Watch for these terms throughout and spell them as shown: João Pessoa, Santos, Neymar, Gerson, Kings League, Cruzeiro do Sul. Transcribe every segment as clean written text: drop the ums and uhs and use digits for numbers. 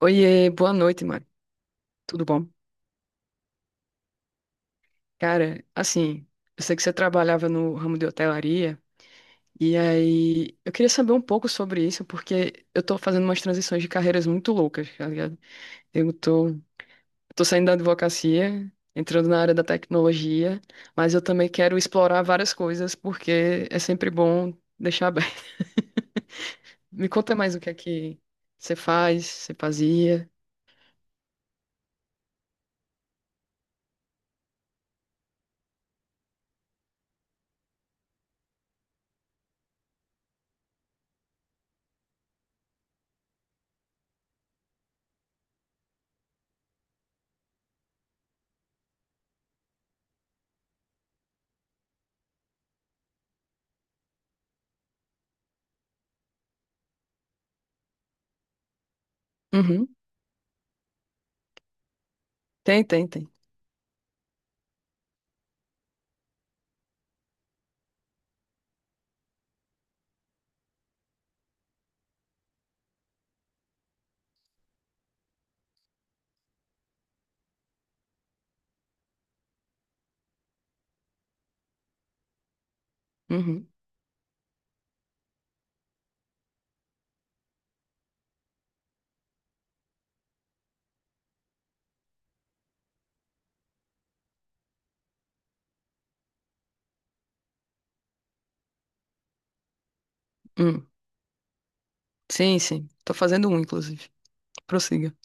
Oiê, boa noite, Mari. Tudo bom? Cara, assim, eu sei que você trabalhava no ramo de hotelaria, e aí eu queria saber um pouco sobre isso, porque eu tô fazendo umas transições de carreiras muito loucas, tá ligado? Eu tô saindo da advocacia, entrando na área da tecnologia, mas eu também quero explorar várias coisas, porque é sempre bom deixar aberto. Me conta mais o que é que você faz, você fazia. Uhum. Tem, tem, tem. Uhum. Hum. Sim, sim. Tô fazendo um, inclusive. Prossiga.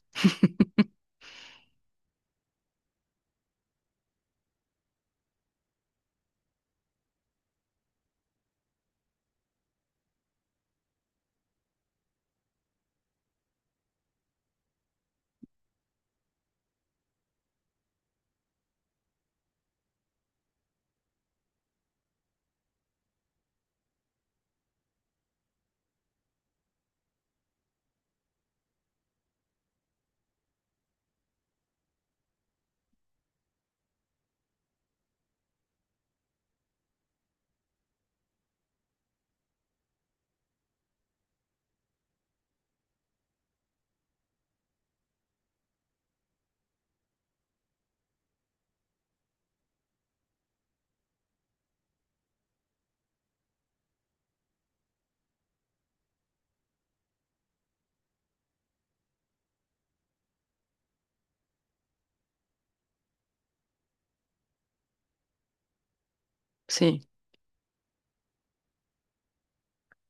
Sim.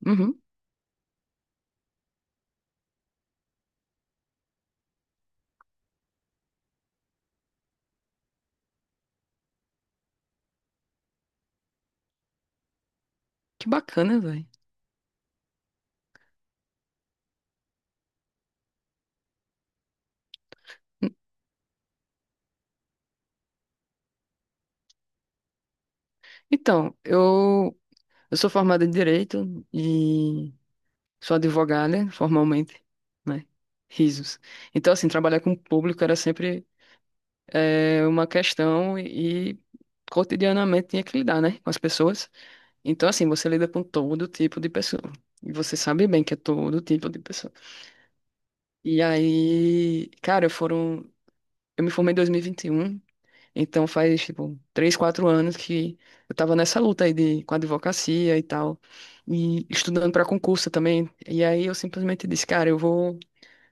Uhum. Que bacana, velho. Então, eu sou formada em Direito e sou advogada formalmente, né? Risos. Então, assim, trabalhar com o público era sempre uma questão e cotidianamente tinha que lidar, né? Com as pessoas. Então, assim, você lida com todo tipo de pessoa. E você sabe bem que é todo tipo de pessoa. E aí, cara, foram. Eu me formei em 2021. Então faz, tipo, 3, 4 anos que eu tava nessa luta aí com a advocacia e tal, e estudando para concurso também. E aí eu simplesmente disse, cara, eu vou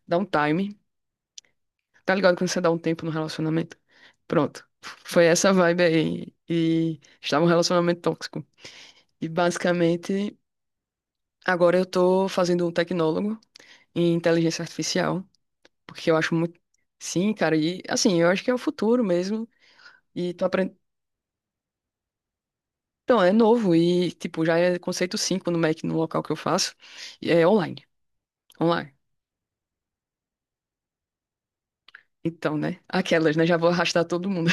dar um time. Tá ligado quando você dá um tempo no relacionamento? Pronto. Foi essa vibe aí. E estava um relacionamento tóxico. E basicamente, agora eu tô fazendo um tecnólogo em inteligência artificial, porque eu acho muito. Sim, cara, e assim, eu acho que é o futuro mesmo. E tô apren- Então, é novo e, tipo, já é conceito 5 no Mac, no local que eu faço. E é online. Online. Então, né? Aquelas, né? Já vou arrastar todo mundo.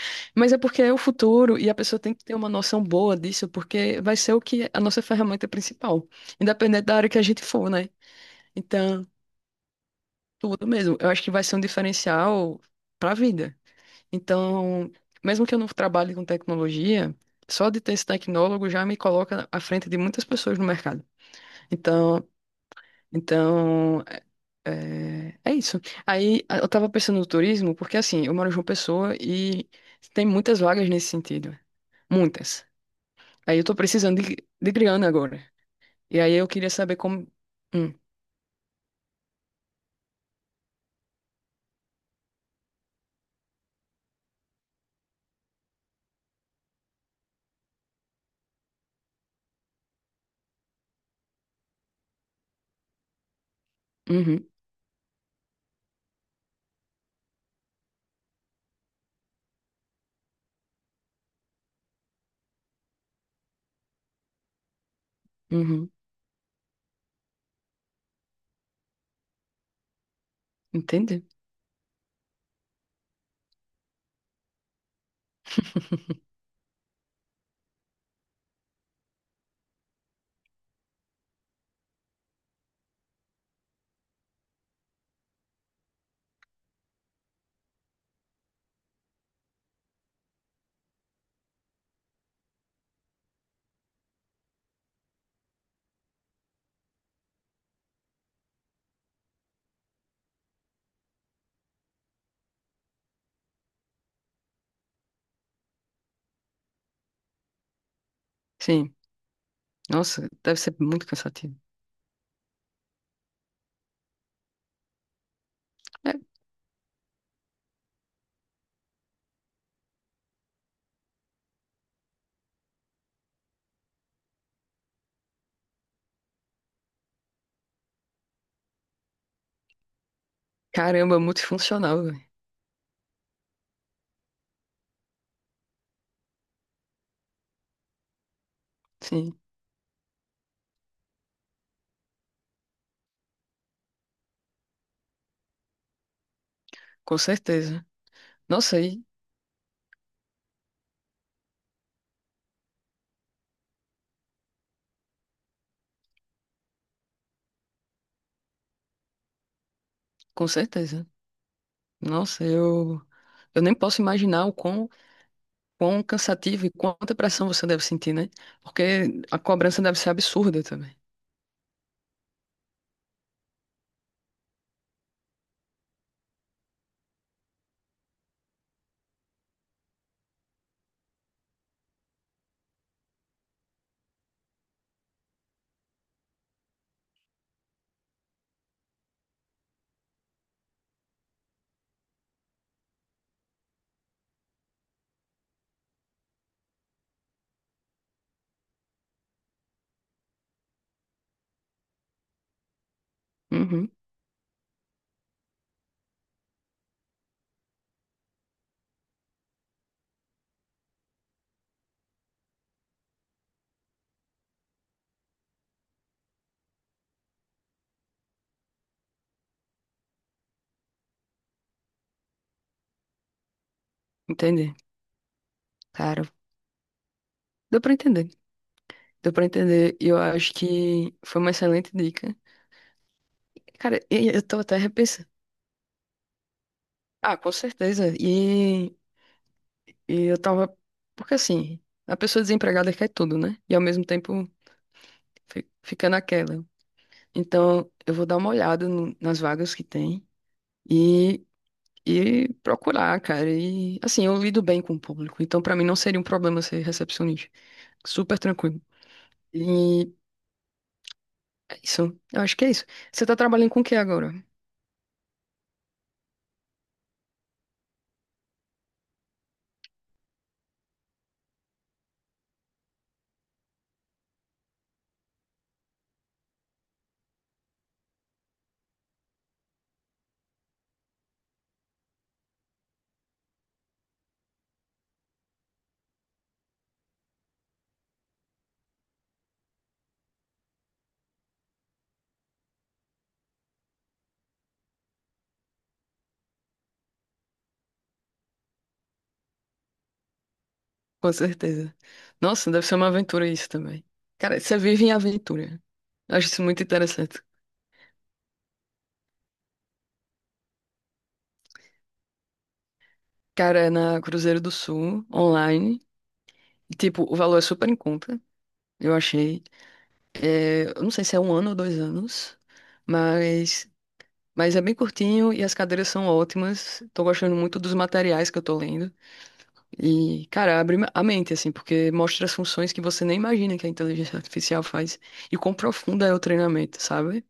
Mas é porque é o futuro e a pessoa tem que ter uma noção boa disso, porque vai ser o que é a nossa ferramenta principal, independente da área que a gente for, né? Então, tudo mesmo. Eu acho que vai ser um diferencial para a vida. Então, mesmo que eu não trabalhe com tecnologia, só de ter esse tecnólogo já me coloca à frente de muitas pessoas no mercado. Então, então é, isso. Eu tava pensando no turismo, porque assim, eu moro em João Pessoa e tem muitas vagas nesse sentido. Muitas. Aí eu tô precisando de grana agora. E aí eu queria saber como. Hum, uhum, uhum, entende? Sim. Nossa, deve ser muito cansativo. É, caramba, multifuncional, velho. Sim, com certeza. Nossa, aí, com certeza. Nossa, eu. Eu nem posso imaginar o quão cansativo e quanta pressão você deve sentir, né? Porque a cobrança deve ser absurda também. Uhum, entendi. Cara, deu pra entender. Deu pra entender. E eu acho que foi uma excelente dica. Cara, e eu tô até repensando. Ah, com certeza. E eu tava. Porque assim, a pessoa desempregada quer tudo, né? E ao mesmo tempo fica naquela. Então, eu vou dar uma olhada nas vagas que tem. E procurar, cara. E assim, eu lido bem com o público, então pra mim não seria um problema ser recepcionista. Super tranquilo. E é isso. Eu acho que é isso. Você tá trabalhando com o que agora? Com certeza. Nossa, deve ser uma aventura isso também. Cara, você vive em aventura. Eu acho isso muito interessante. Cara, é na Cruzeiro do Sul, online. E, tipo, o valor é super em conta, eu achei. É, eu não sei se é 1 ano ou 2 anos, mas é bem curtinho e as cadeiras são ótimas. Tô gostando muito dos materiais que eu tô lendo. E, cara, abre a mente, assim, porque mostra as funções que você nem imagina que a inteligência artificial faz e quão profunda é o treinamento, sabe?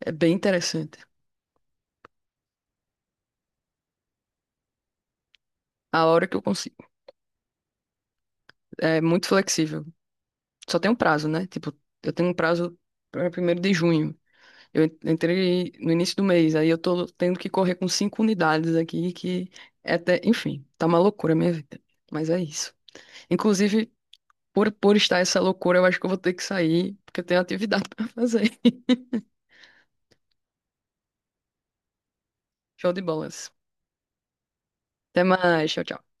É bem interessante. A hora que eu consigo. É muito flexível. Só tem um prazo, né? Tipo, eu tenho um prazo para 1º de junho. Eu entrei no início do mês, aí eu tô tendo que correr com cinco unidades aqui, que é até, enfim, tá uma loucura a minha vida. Mas é isso. Inclusive, por estar essa loucura, eu acho que eu vou ter que sair, porque eu tenho atividade pra fazer. Show de bolas. Até mais. Tchau, tchau.